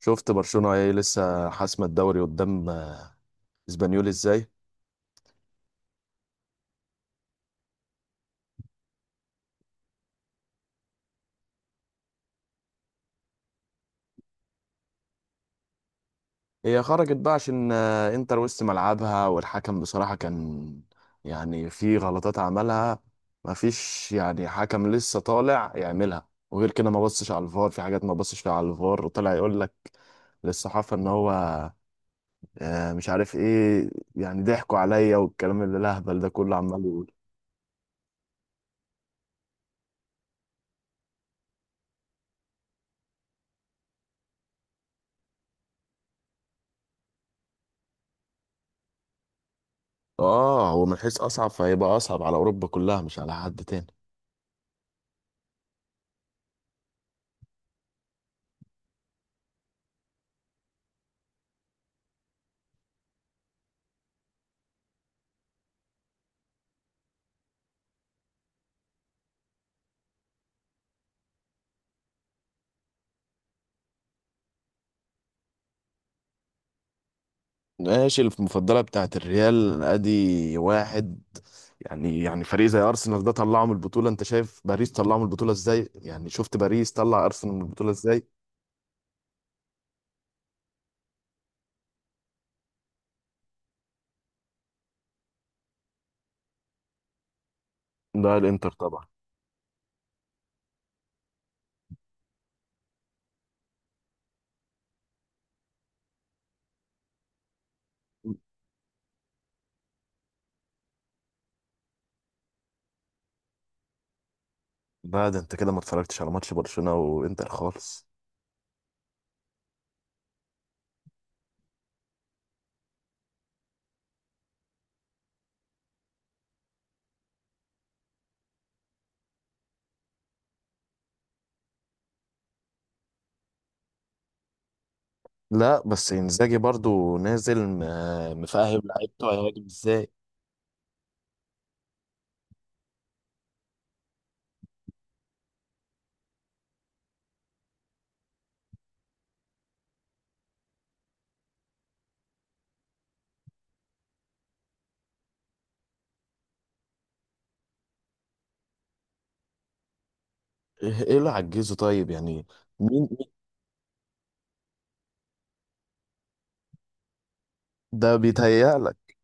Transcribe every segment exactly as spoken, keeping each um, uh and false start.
شفت برشلونة ايه لسه حاسمة الدوري قدام اسبانيول ازاي؟ هي خرجت بقى عشان آه، انتر وسط ملعبها، والحكم بصراحة كان يعني في غلطات عملها. مفيش يعني حكم لسه طالع يعملها، وغير كده ما بصش على الفار، في حاجات ما بصش فيها على الفار، وطلع يقول لك للصحافة ان هو آه، مش عارف ايه. يعني ضحكوا عليا، والكلام اللي الهبل ده كله عمال يقول. اه، هو من حيث اصعب فهيبقى اصعب على اوروبا كلها، مش على حد تاني. ماشي، المفضلة بتاعت الريال، ادي واحد يعني. يعني فريق زي ارسنال ده طلعه من البطولة. انت شايف باريس طلعه من البطولة ازاي؟ يعني شفت باريس طلع ارسنال من البطولة ازاي؟ ده الانتر طبعا. لا، ده انت كده ما اتفرجتش على ماتش برشلونة وانتر خالص. لا بس انزاجي برضو نازل م- مفهم لعيبته هيهاجم ازاي. ايه، إيه اللي عجزه طيب يعني؟ مين؟ ده بيتهيألك.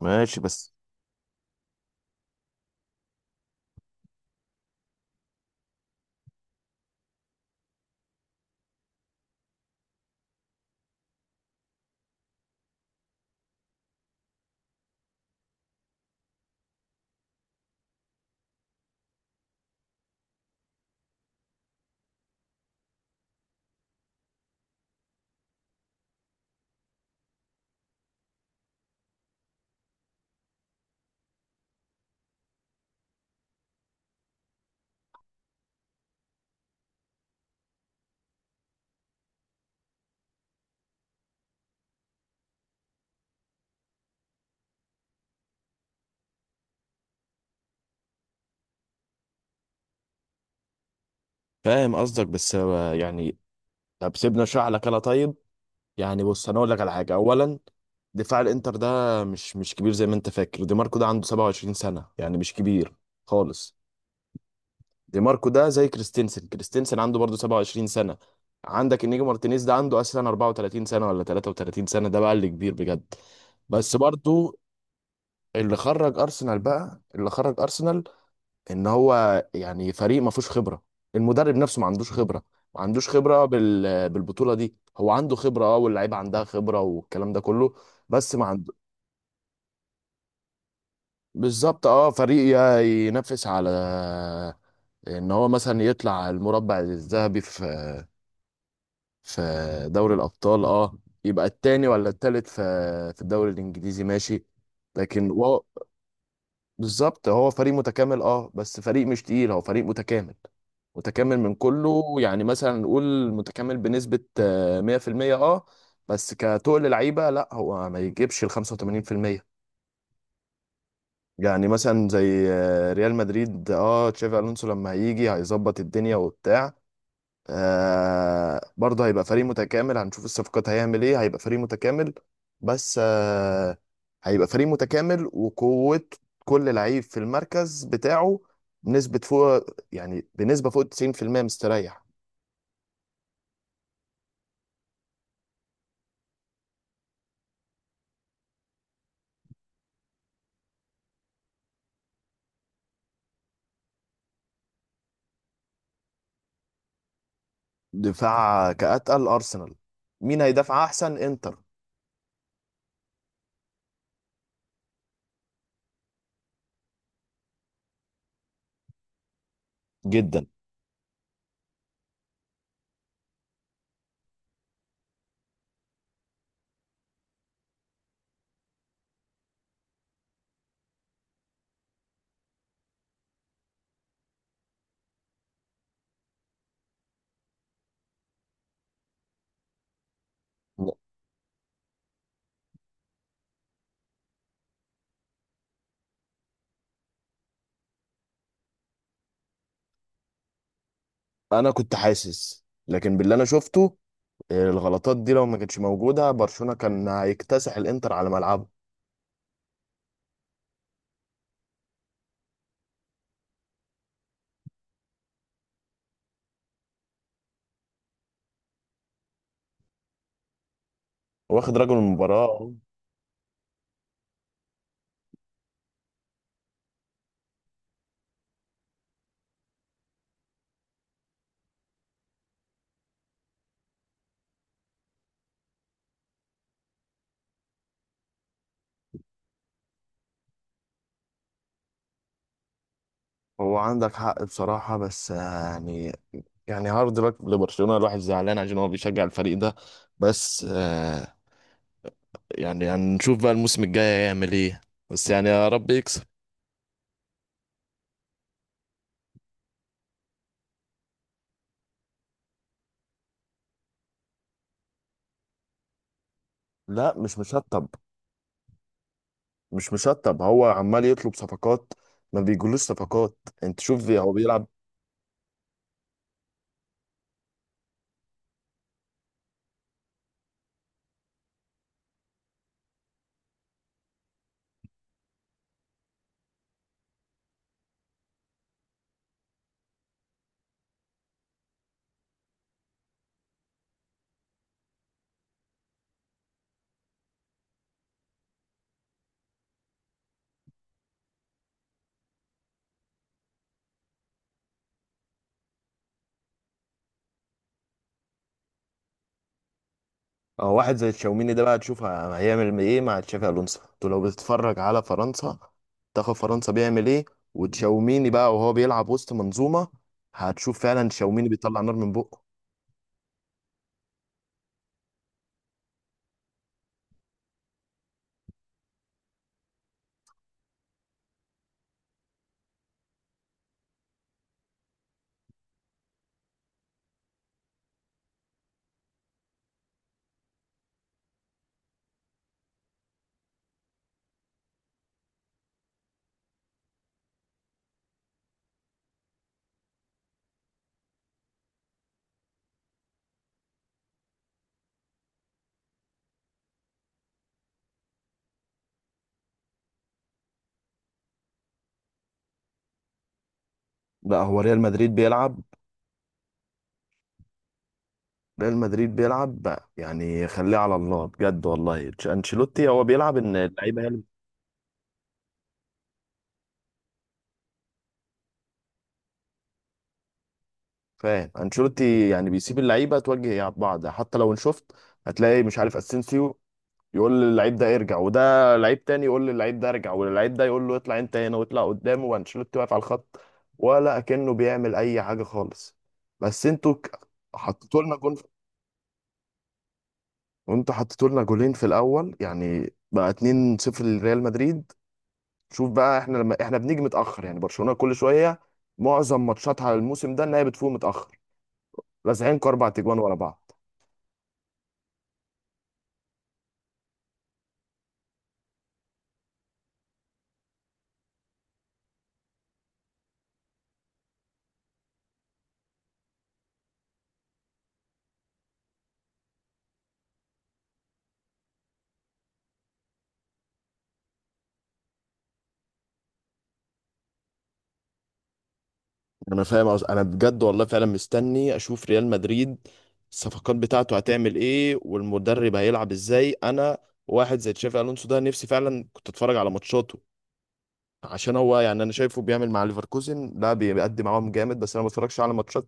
ماشي بس. فاهم قصدك، بس هو يعني، طب سيبنا اشرح لك انا طيب. يعني بص، انا اقول لك على حاجه اولا. دفاع الانتر ده مش مش كبير زي ما انت فاكر. دي ماركو ده عنده سبعة وعشرين سنه، يعني مش كبير خالص. دي ماركو ده زي كريستنسن، كريستنسن عنده برضه سبعة وعشرين سنه. عندك انيجو مارتينيز ده عنده اصلا اربعة وثلاثين سنه ولا ثلاثة وثلاثين سنه، ده بقى اللي كبير بجد. بس برضه اللي خرج ارسنال بقى، اللي خرج ارسنال ان هو يعني فريق ما فيهوش خبره. المدرب نفسه ما عندوش خبره، ما عندوش خبره بال... بالبطوله دي. هو عنده خبره اه، واللعيبه عندها خبره والكلام ده كله، بس ما عنده. بالظبط، اه، فريق ي- ينافس على ان هو مثلا يطلع المربع الذهبي في في دوري الابطال، اه. يبقى التاني ولا التالت في في الدوري الانجليزي، ماشي. لكن و... بالظبط، هو فريق متكامل اه، بس فريق مش تقيل، هو فريق متكامل. متكامل من كله، يعني مثلا نقول متكامل بنسبة آه، مية في المية. اه، بس كتقل لعيبة لا، هو ما يجيبش ال خمسة وثمانين في المية. يعني مثلا زي آه، ريال مدريد، اه، تشافي الونسو لما هيجي هيظبط الدنيا وبتاع. آه، برضه هيبقى فريق متكامل، هنشوف الصفقات هيعمل ايه، هيبقى فريق متكامل. بس آه، هيبقى فريق متكامل وقوة، كل لعيب في المركز بتاعه بنسبة فوق، يعني بنسبة فوق تسعين في المية مستريح. دفاع كأتقل أرسنال، مين هيدافع أحسن؟ إنتر؟ جدا. أنا كنت حاسس، لكن باللي أنا شفته آه، الغلطات دي لو ما كانتش موجودة، برشلونة كان هيكتسح الإنتر على ملعبه. واخد رجل المباراة. هو عندك حق بصراحة، بس آه، يعني، يعني هارد لك لبرشلونة. الواحد زعلان عشان هو بيشجع الفريق ده. بس آه، يعني هنشوف بقى الموسم الجاي هيعمل ايه. بس يعني يا رب يكسب. لا، مش مشطب. مش مشطب، هو عمال يطلب صفقات. ما بيجولوش صفقات. انت شوف هو بيلعب. اه، واحد زي تشاوميني ده بقى تشوف ه- هيعمل ايه مع تشافي الونسو. انتوا لو بتتفرج على فرنسا، تاخد فرنسا بيعمل ايه وتشاوميني بقى وهو بيلعب وسط منظومه، هتشوف فعلا تشاوميني بيطلع نار من بقه. لا، هو ريال مدريد بيلعب. ريال مدريد بيلعب بقى يعني خليه على الله بجد والله. تش- انشيلوتي هو بيلعب ان اللعيبه هي اللي، فاهم؟ انشيلوتي يعني بيسيب اللعيبه توجه بعض. حتى لو ان شفت، هتلاقي مش عارف اسينسيو يقول للعيب ده ارجع، وده لعيب تاني يقول للعيب ده ارجع، واللعيب ده يقول له اطلع انت هنا واطلع قدامه، وانشيلوتي واقف على الخط ولا كأنه بيعمل اي حاجه خالص. بس انتوا ك- حطيتوا لنا جول، وانتوا حطيتوا لنا جولين في الاول يعني بقى اتنين صفر لريال مدريد. شوف بقى احنا لما احنا بنيجي متاخر. يعني برشلونه كل شويه، معظم ماتشاتها الموسم ده ان هي بتفوق متاخر. لازعين اربع تجوان ورا بعض. انا فاهم. أص... انا بجد والله فعلا مستني اشوف ريال مدريد الصفقات بتاعته هتعمل ايه، والمدرب هيلعب ازاي. انا واحد زي تشافي الونسو ده نفسي فعلا كنت اتفرج على ماتشاته، عشان هو يعني انا شايفه بيعمل مع ليفركوزن، لا بيقدم معاهم جامد، بس انا ما بتفرجش على ماتشات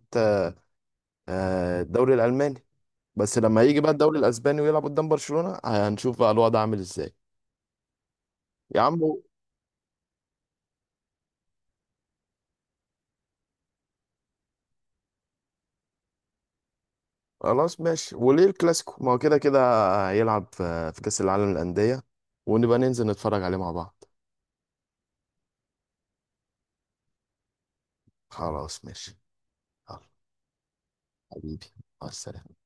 آه، الدوري الالماني، بس لما يجي بقى الدوري الاسباني ويلعب قدام برشلونة، هنشوف بقى الوضع عامل ازاي. يا عم خلاص ماشي، وليه الكلاسيكو؟ ما هو كده كده هيلعب في في كاس العالم للانديه، ونبقى ننزل نتفرج عليه مع بعض. خلاص ماشي. يلا، حبيبي، مع السلامة.